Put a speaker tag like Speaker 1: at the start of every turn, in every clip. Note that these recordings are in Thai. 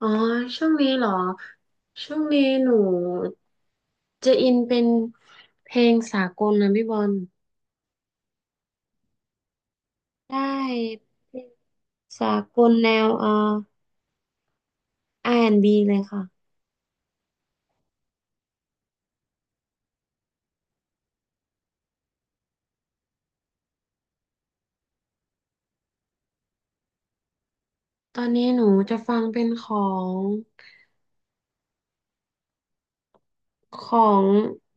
Speaker 1: อ๋อช่วงนี้เหรอช่วงนี้หนูจะอินเป็นเพลงสากลนะพี่บอลได้เพลงสากลแนวR&B เลยค่ะตอนนี้หนูจะฟังเป็นงของ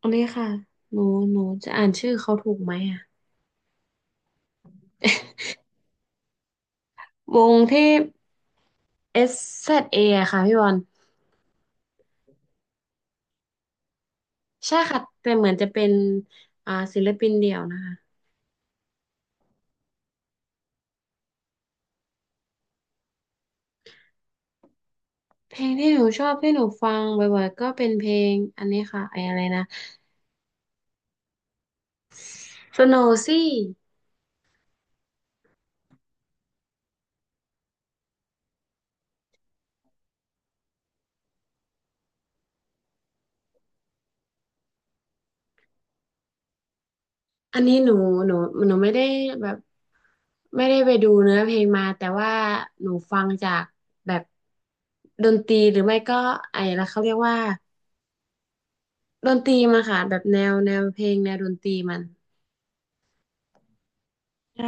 Speaker 1: อันนี้ค่ะหนูหนูจะอ่านชื่อเขาถูกไหมอ่ะวงที่ SZA อสแซดเออะค่ะพี่บอลใช่ค่ะแต่เหมือนจะเป็นศิลปินเดี่ยวนะคะเพลงที่หนูชอบที่หนูฟังบ่อยๆก็เป็นเพลงอันนี้ค่ะไอ้อะไรนะ สโนซี่อันนี้หนูหนูไม่ได้แบบไม่ได้ไปดูเนื้อเพลงมาแต่ว่าหนูฟังจากแบบดนตรีหรือไม่ก็ไอ้ละเขาเรียกว่าดนตรีมันค่ะแบบแนวเพลงแนวดนตรีมันใช่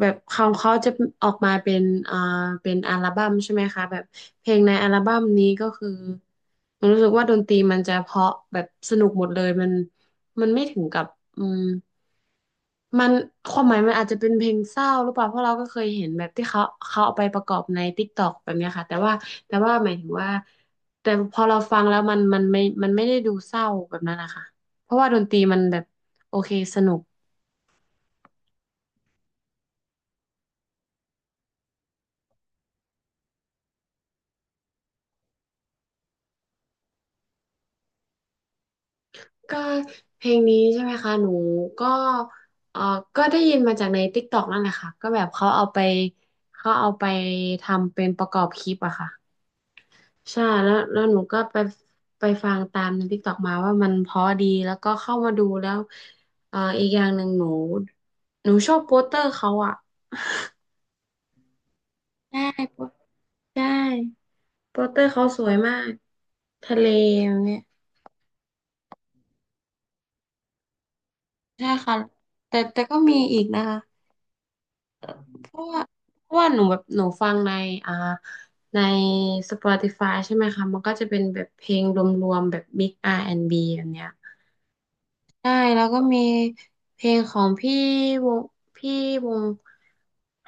Speaker 1: แบบของเขาจะออกมาเป็นอ่าเป็นอัลบั้มใช่ไหมคะแบบเพลงในอัลบั้มนี้ก็คือมันรู้สึกว่าดนตรีมันจะเพราะแบบสนุกหมดเลยมันไม่ถึงกับอืมมันความหมายมันอาจจะเป็นเพลงเศร้าหรือเปล่าเพราะเราก็เคยเห็นแบบที่เขาเอาไปประกอบใน TikTok แบบเนี้ยค่ะแต่ว่าแต่ว่าหมายถึงว่าแต่พอเราฟังแล้วมันมันไม่ได้ดูเศร้าแบบนั้นนะคะเพราะว่าดนตรีมันแบบโอเคสนุก ก็เพลงนี้ใช่ไหมคะหนูก็เออก็ได้ยินมาจากใน TikTok นั่นแหละค่ะก็แบบเขาเอาไปเขาเอาไปทำเป็นประกอบคลิปอะค่ะใช่แล้วแล้วหนูก็ไปไปฟังตามในติ๊กต็อกมาว่ามันเพราะดีแล้วก็เข้ามาดูแล้วเอออีกอย่างหนึ่งหนูชอบโปสเตอร์เขาอะใช่โปสใช่โปสเตอร์เขาสวยมากทะเลอย่างเนี้ยใช่ค่ะแต่ก็มีอีกนะคะ เพราะว่าเพราะว่าหนูแบบหนูฟังในอ่าใน Spotify ใช่ไหมคะมันก็จะเป็นแบบเพลงรวมๆแบบ Big R&B แอนด์บแบบเนี้ยใช่แล้วก็มีเพลงของพี่วงพี่วง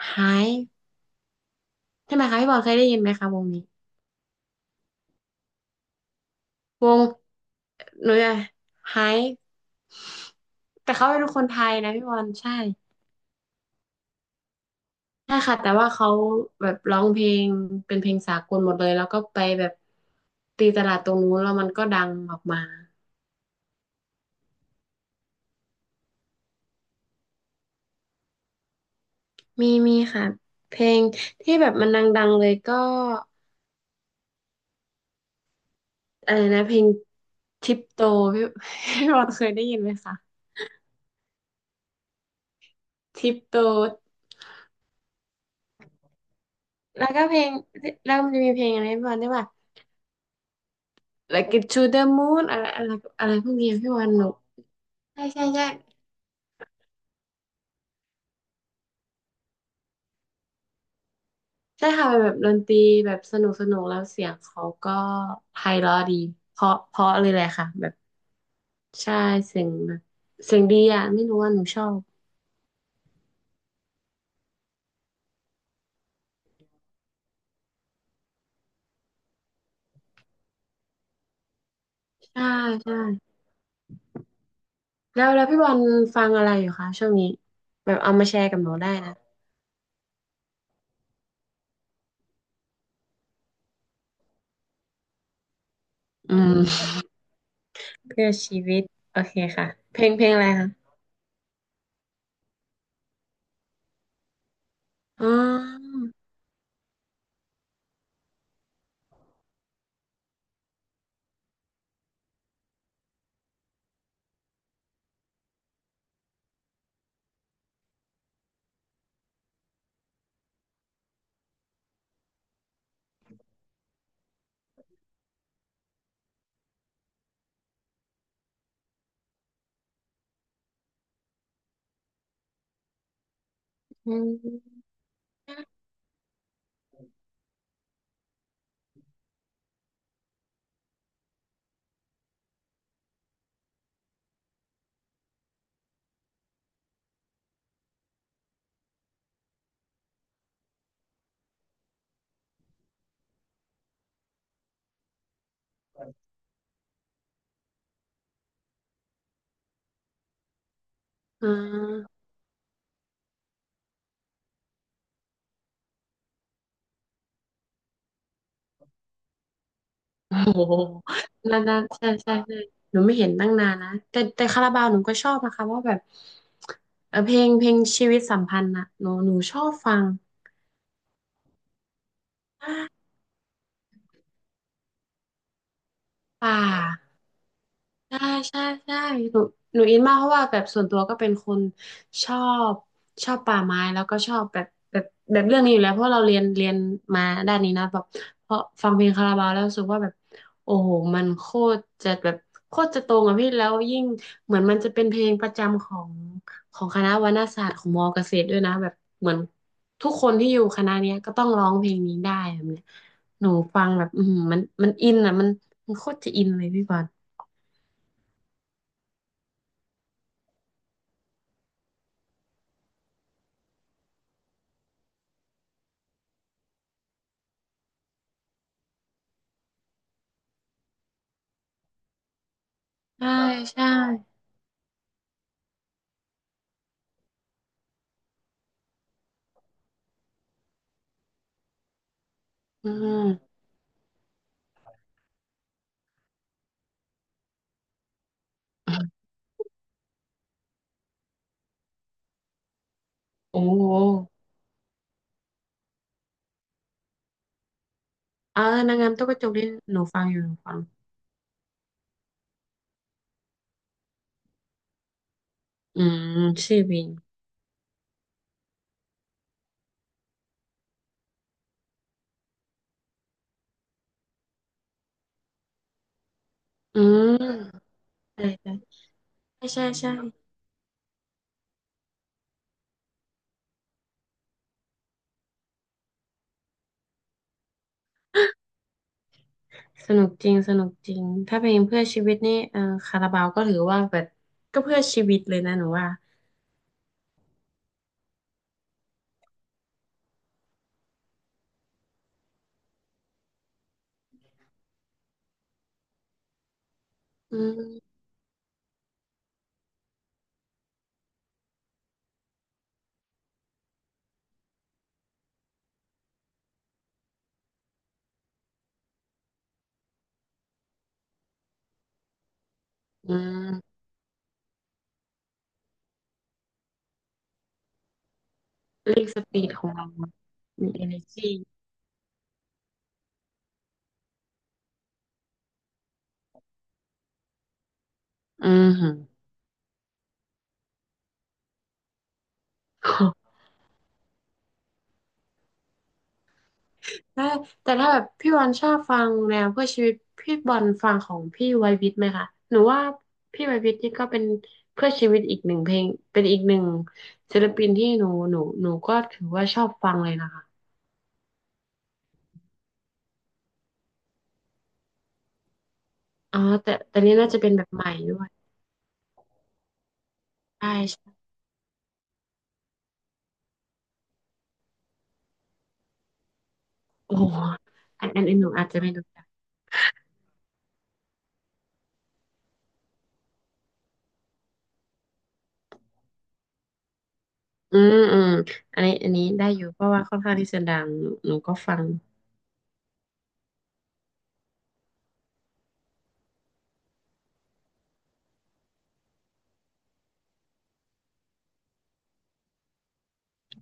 Speaker 1: ไฮใช่ไหมคะพี่บอลเคยได้ยินไหมคะวงนี้วงหนูจะไฮแต่เขาเป็นคนไทยนะพี่บอลใช่ใช่ค่ะแต่ว่าเขาแบบร้องเพลงเป็นเพลงสากลหมดเลยแล้วก็ไปแบบตีตลาดตรงนู้นแล้วมันก็ดังออกมา มีค่ะเพลงที่แบบมันดังๆเลยก็อะไรนะเพลงทิปโตพี่ พี่บอลเคยได้ยินไหมคะทิปโตแล้วก็เพลงแล้วมันจะมีเพลงอะไรพี่บอลได้ป่ะ Like it to the moon อะไรอะไรอะไรพวกนี้พี่บอลหนูใช่ใช่ใช่ใช่ค่ะเป็นแบบดนตรีแบบสนุกสนุกแล้วเสียงเขาก็ไพเราะดีเพราะเลยแหละค่ะแบบใช่เสียงแบบเสียงดีอ่ะไม่รู้ว่าหนูชอบใช่ใช่ แล้วแล้วพี่บอลฟังอะไรอยู่คะช่วงนี้แบบเอามาแชร์กับหนูได้นะอืมเพื่อชีวิตโอเคค่ะเพลงอะไรคะอ๋ออืมอ่าโอ้โหนานๆใช่ใช่ใช่หนูไม่เห็นตั้งนานนะแต่คาราบาวหนูก็ชอบนะคะว่าแบบเออเพลงชีวิตสัมพันธ์นะหนูชอบฟังป่า ใช่ใช่ใช่หนูหนูอินมากเพราะว่าแบบส่วนตัวก็เป็นคนชอบชอบป่าไม้แล้วก็ชอบแบบเรื่องนี้อยู่แล้วเพราะเราเรียนเรียนมาด้านนี้นะแบบเพราะฟังเพลงคาราบาวแล้วรู้สึกว่าแบบโอ้โหมันโคตรจะแบบโคตรจะตรงอะพี่แล้วยิ่งเหมือนมันจะเป็นเพลงประจำของของคณะวรรณศาสตร์ของมอเกษตรด้วยนะแบบเหมือนทุกคนที่อยู่คณะเนี้ยก็ต้องร้องเพลงนี้ได้แบบเนี้ยหนูฟังแบบอือหือมันอินอะมันมันโคตรจะอินเลยพี่บอล ใช่ใช่ อืมโอ้โหอ่านางงามตุ๊กกระจกนี่หนูฟังอยู่หนูฟังอืมชื่อวิน อืมใช่ใช่ใช่ใช่ สนุกจริงสนุกจริงถ้าเพลงเพื่อชีวิตนี่เออคาราบาวก็ถือว่าแบบก็เพื่อชีวิตเลยนะหนูว่า อืมอืมเร่งสปีดของเรามี energy อืม ถ้าแต่ถ้าแบบพี่บอลชอบฟังแนวเพื่อชีวิตพี่บอลฟังของพี่ไวยวิทย์ไหมคะหนูว่าพี่ไวยวิทย์นี่ก็เป็นเพื่อชีวิตอีกหนึ่งเพลงเป็นอีกหนึ่งศิลปินที่หนูก็ถือว่าชอบฟังเลยนะคะอ๋อแต่นี่น่าจะเป็นแบบใหม่ด้วยใช่ใช่โอ้โหอันหนูอาจจะไม่รู้จักอืมอืมอันนี้ได้อยู่เพราะว่าค่อนข้างที่จะดังหนูก็ฟัง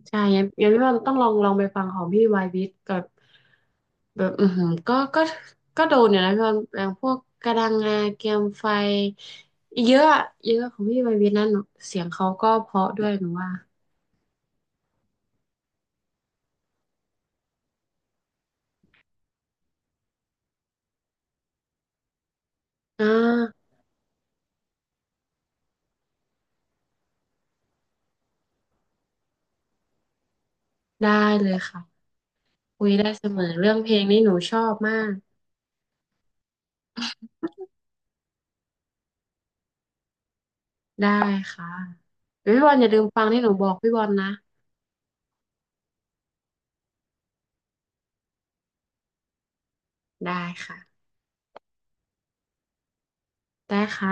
Speaker 1: ใช่งั้นพี่ว่าต้องลองลองไปฟังของพี่วายวิทย์กับแบบอือหือก็โดนอยู่นะพี่ว่าอย่างพวกกระดังงาเกียมไฟเยอะอะเยอะของพี่วายวิทย์นั่นหนูเสียงเขาก็เพราะด้วยหนูว่าอ่าได้เลยค่ะคุยได้เสมอเรื่องเพลงนี่หนูชอบมากได้ค่ะเดี๋ยวพี่บอลอย่าลืมฟังที่หนูบอกพี่บอลนะได้ค่ะได้ค่ะ